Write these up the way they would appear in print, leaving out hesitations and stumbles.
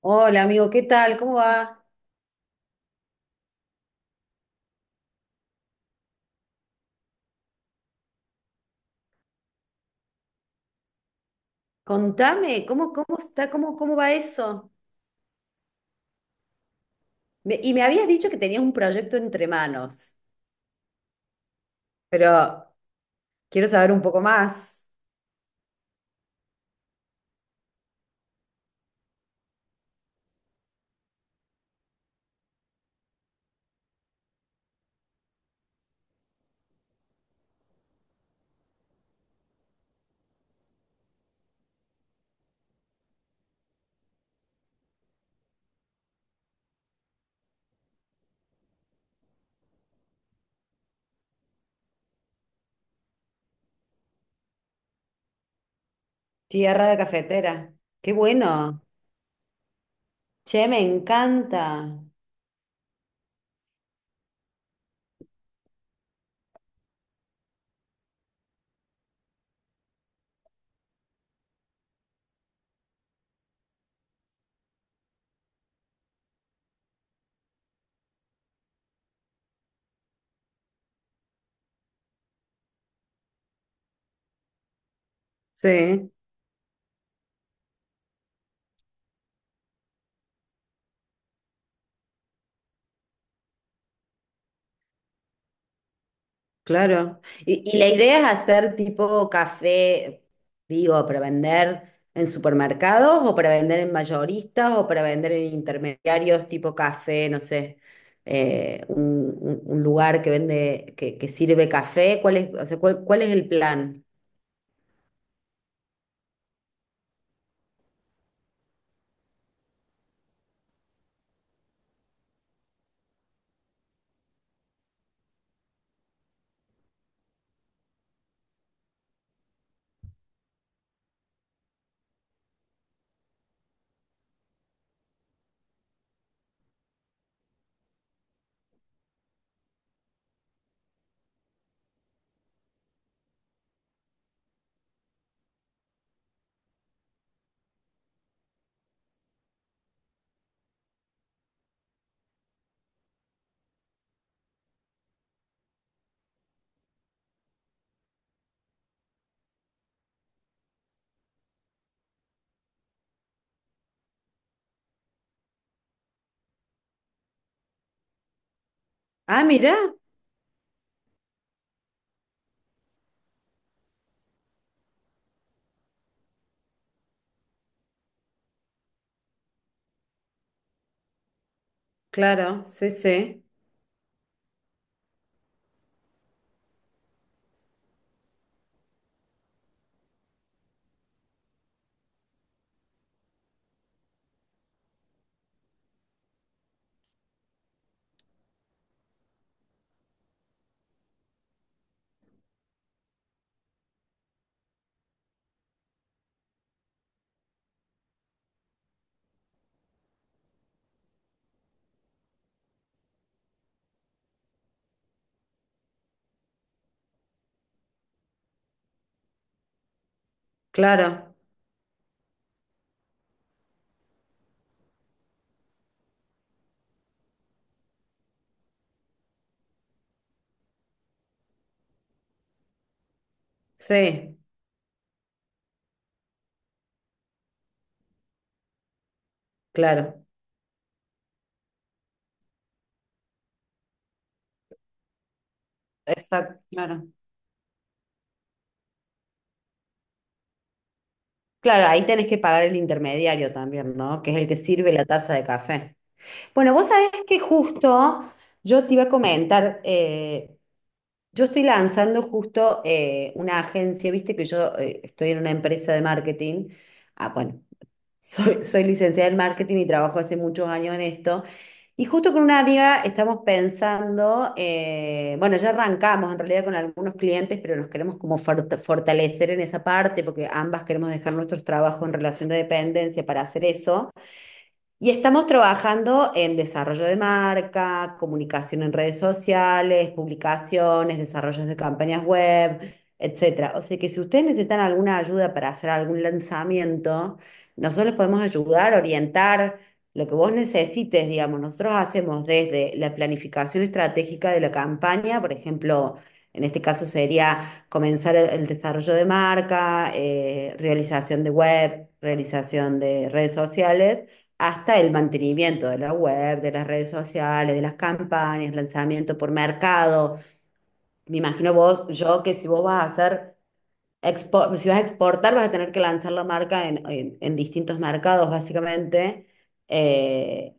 Hola amigo, ¿qué tal? ¿Cómo va? Contame, ¿cómo está? ¿Cómo va eso? Y me habías dicho que tenías un proyecto entre manos, pero quiero saber un poco más. Tierra de cafetera. Qué bueno. Che, me encanta. Sí. Claro. Y la idea es hacer tipo café, digo, para vender en supermercados o para vender en mayoristas o para vender en intermediarios tipo café, no sé, eh, un, un lugar que vende, que sirve café. ¿Cuál es, o sea, cuál, cuál es el plan? Ah, mira, claro, sí, sí, claro, sí, claro, exacto, claro. Claro, ahí tenés que pagar el intermediario también, ¿no? Que es el que sirve la taza de café. Bueno, vos sabés que justo yo te iba a comentar, yo estoy lanzando justo una agencia, viste que yo estoy en una empresa de marketing, ah, bueno, soy, soy licenciada en marketing y trabajo hace muchos años en esto, y justo con una amiga estamos pensando, bueno, ya arrancamos en realidad con algunos clientes, pero nos queremos como fortalecer en esa parte, porque ambas queremos dejar nuestros trabajos en relación de dependencia para hacer eso. Y estamos trabajando en desarrollo de marca, comunicación en redes sociales, publicaciones, desarrollos de campañas web, etcétera. O sea que si ustedes necesitan alguna ayuda para hacer algún lanzamiento, nosotros les podemos ayudar, orientar lo que vos necesites, digamos. Nosotros hacemos desde la planificación estratégica de la campaña, por ejemplo, en este caso sería comenzar el desarrollo de marca, realización de web, realización de redes sociales hasta el mantenimiento de la web, de las redes sociales, de las campañas, lanzamiento por mercado. Me imagino vos, yo, que si vos vas a hacer, si vas a exportar, vas a tener que lanzar la marca en, en distintos mercados, básicamente. Eh,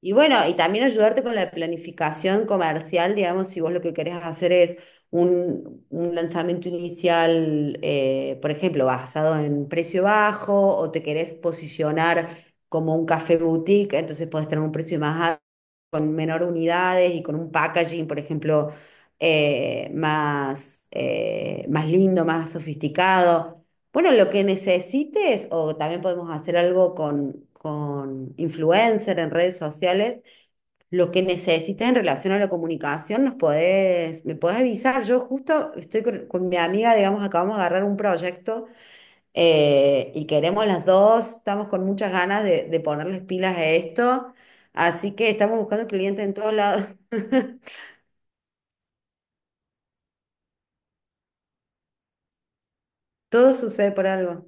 y bueno, y también ayudarte con la planificación comercial, digamos, si vos lo que querés hacer es un lanzamiento inicial, por ejemplo, basado en precio bajo o te querés posicionar como un café boutique, entonces podés tener un precio más alto, con menor unidades y con un packaging, por ejemplo, más, más lindo, más sofisticado. Bueno, lo que necesites, o también podemos hacer algo con influencer en redes sociales, lo que necesites en relación a la comunicación, nos podés, me podés avisar. Yo justo estoy con mi amiga, digamos, acabamos de agarrar un proyecto y queremos las dos, estamos con muchas ganas de ponerles pilas a esto, así que estamos buscando clientes en todos lados. Todo sucede por algo.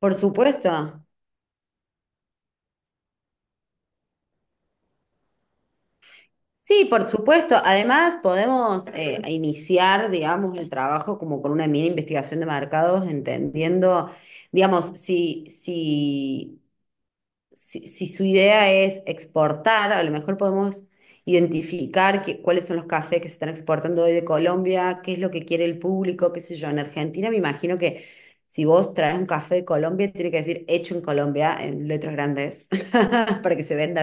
Por supuesto. Sí, por supuesto. Además, podemos iniciar, digamos, el trabajo como con una mini investigación de mercados, entendiendo, digamos, si su idea es exportar, a lo mejor podemos identificar cuáles son los cafés que se están exportando hoy de Colombia, qué es lo que quiere el público, qué sé yo. En Argentina me imagino que si vos traes un café de Colombia, tiene que decir hecho en Colombia en letras grandes para que se venda,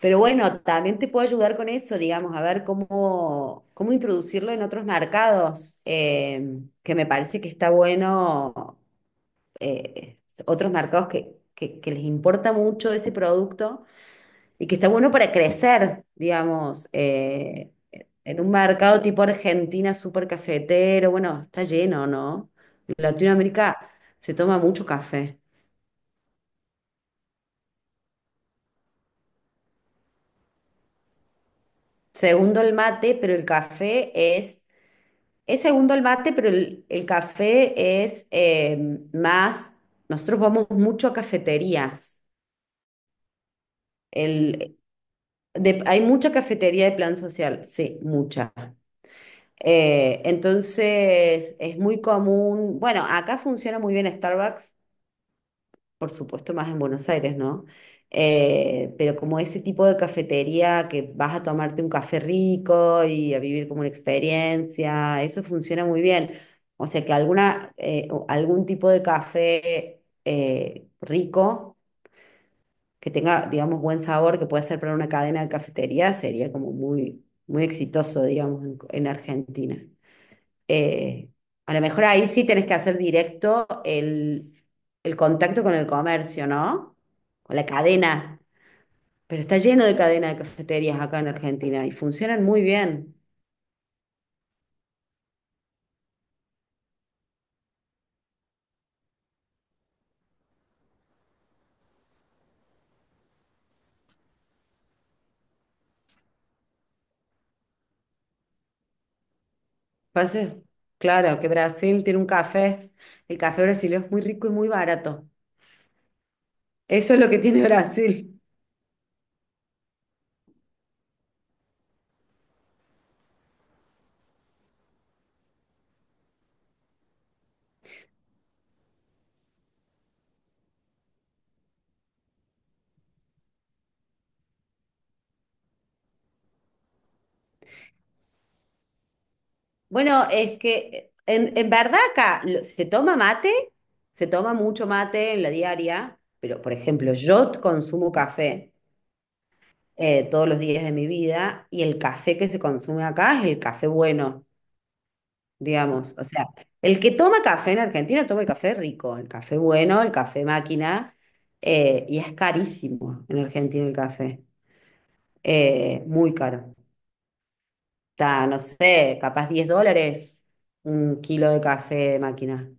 pero bueno, también te puedo ayudar con eso, digamos, a ver cómo, cómo introducirlo en otros mercados, que me parece que está bueno, eh, otros mercados que les importa mucho ese producto y que está bueno para crecer, digamos, en un mercado tipo Argentina, súper cafetero, bueno, está lleno, ¿no? En Latinoamérica se toma mucho café. Segundo el mate, pero el café es. Es segundo el mate, pero el café es más, nosotros vamos mucho a cafeterías. El, hay mucha cafetería de plan social, sí, mucha. Entonces es muy común, bueno, acá funciona muy bien Starbucks, por supuesto, más en Buenos Aires, ¿no? Pero como ese tipo de cafetería que vas a tomarte un café rico y a vivir como una experiencia, eso funciona muy bien. O sea que alguna, o algún tipo de café rico, que tenga, digamos, buen sabor, que pueda ser para una cadena de cafetería, sería como muy, muy exitoso, digamos, en Argentina. Eh, a lo mejor ahí sí tenés que hacer directo el contacto con el comercio, ¿no? Con la cadena. Pero está lleno de cadena de cafeterías acá en Argentina y funcionan muy bien. Pasa, claro, que Brasil tiene un café. El café brasileño es muy rico y muy barato. Eso es lo que tiene Brasil. Bueno, es que en verdad acá se toma mate, se toma mucho mate en la diaria, pero por ejemplo, yo consumo café todos los días de mi vida y el café que se consume acá es el café bueno, digamos. O sea, el que toma café en Argentina toma el café rico, el café bueno, el café máquina, y es carísimo en Argentina el café, muy caro. Está, no sé, capaz 10 dólares un kilo de café de máquina.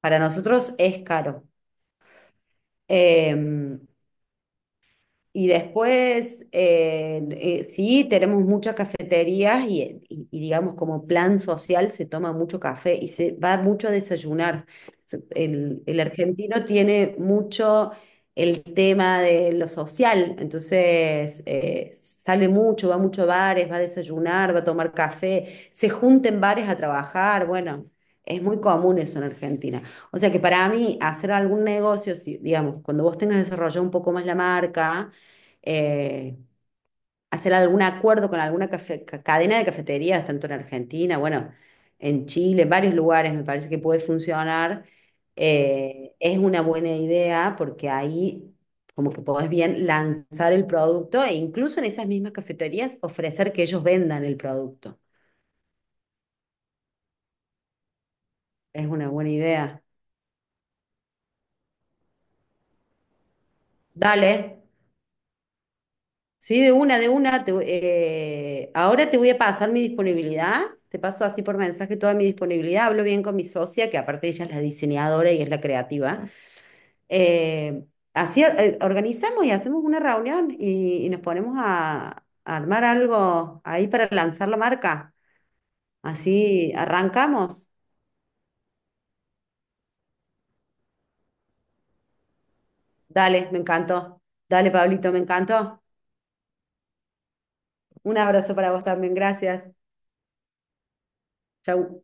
Para nosotros es caro. Eh, Y después, sí, tenemos muchas cafeterías y, y digamos como plan social se toma mucho café y se va mucho a desayunar. Se- el argentino tiene mucho el tema de lo social, entonces sale mucho, va mucho a bares, va a desayunar, va a tomar café, se junta en bares a trabajar, bueno, es muy común eso en Argentina. O sea que para mí hacer algún negocio, si, digamos, cuando vos tengas desarrollado un poco más la marca, eh, hacer algún acuerdo con alguna cadena de cafeterías, tanto en Argentina, bueno, en Chile, en varios lugares me parece que puede funcionar. Es una buena idea porque ahí como que podés bien lanzar el producto e incluso en esas mismas cafeterías ofrecer que ellos vendan el producto. Es una buena idea. Dale. Sí, de una, de una. Ahora te voy a pasar mi disponibilidad. Te paso así por mensaje toda mi disponibilidad. Hablo bien con mi socia, que aparte ella es la diseñadora y es la creativa. Eh, así organizamos y hacemos una reunión y nos ponemos a armar algo ahí para lanzar la marca. Así arrancamos. Dale, me encantó. Dale, Pablito, me encantó. Un abrazo para vos también. Gracias. Chau.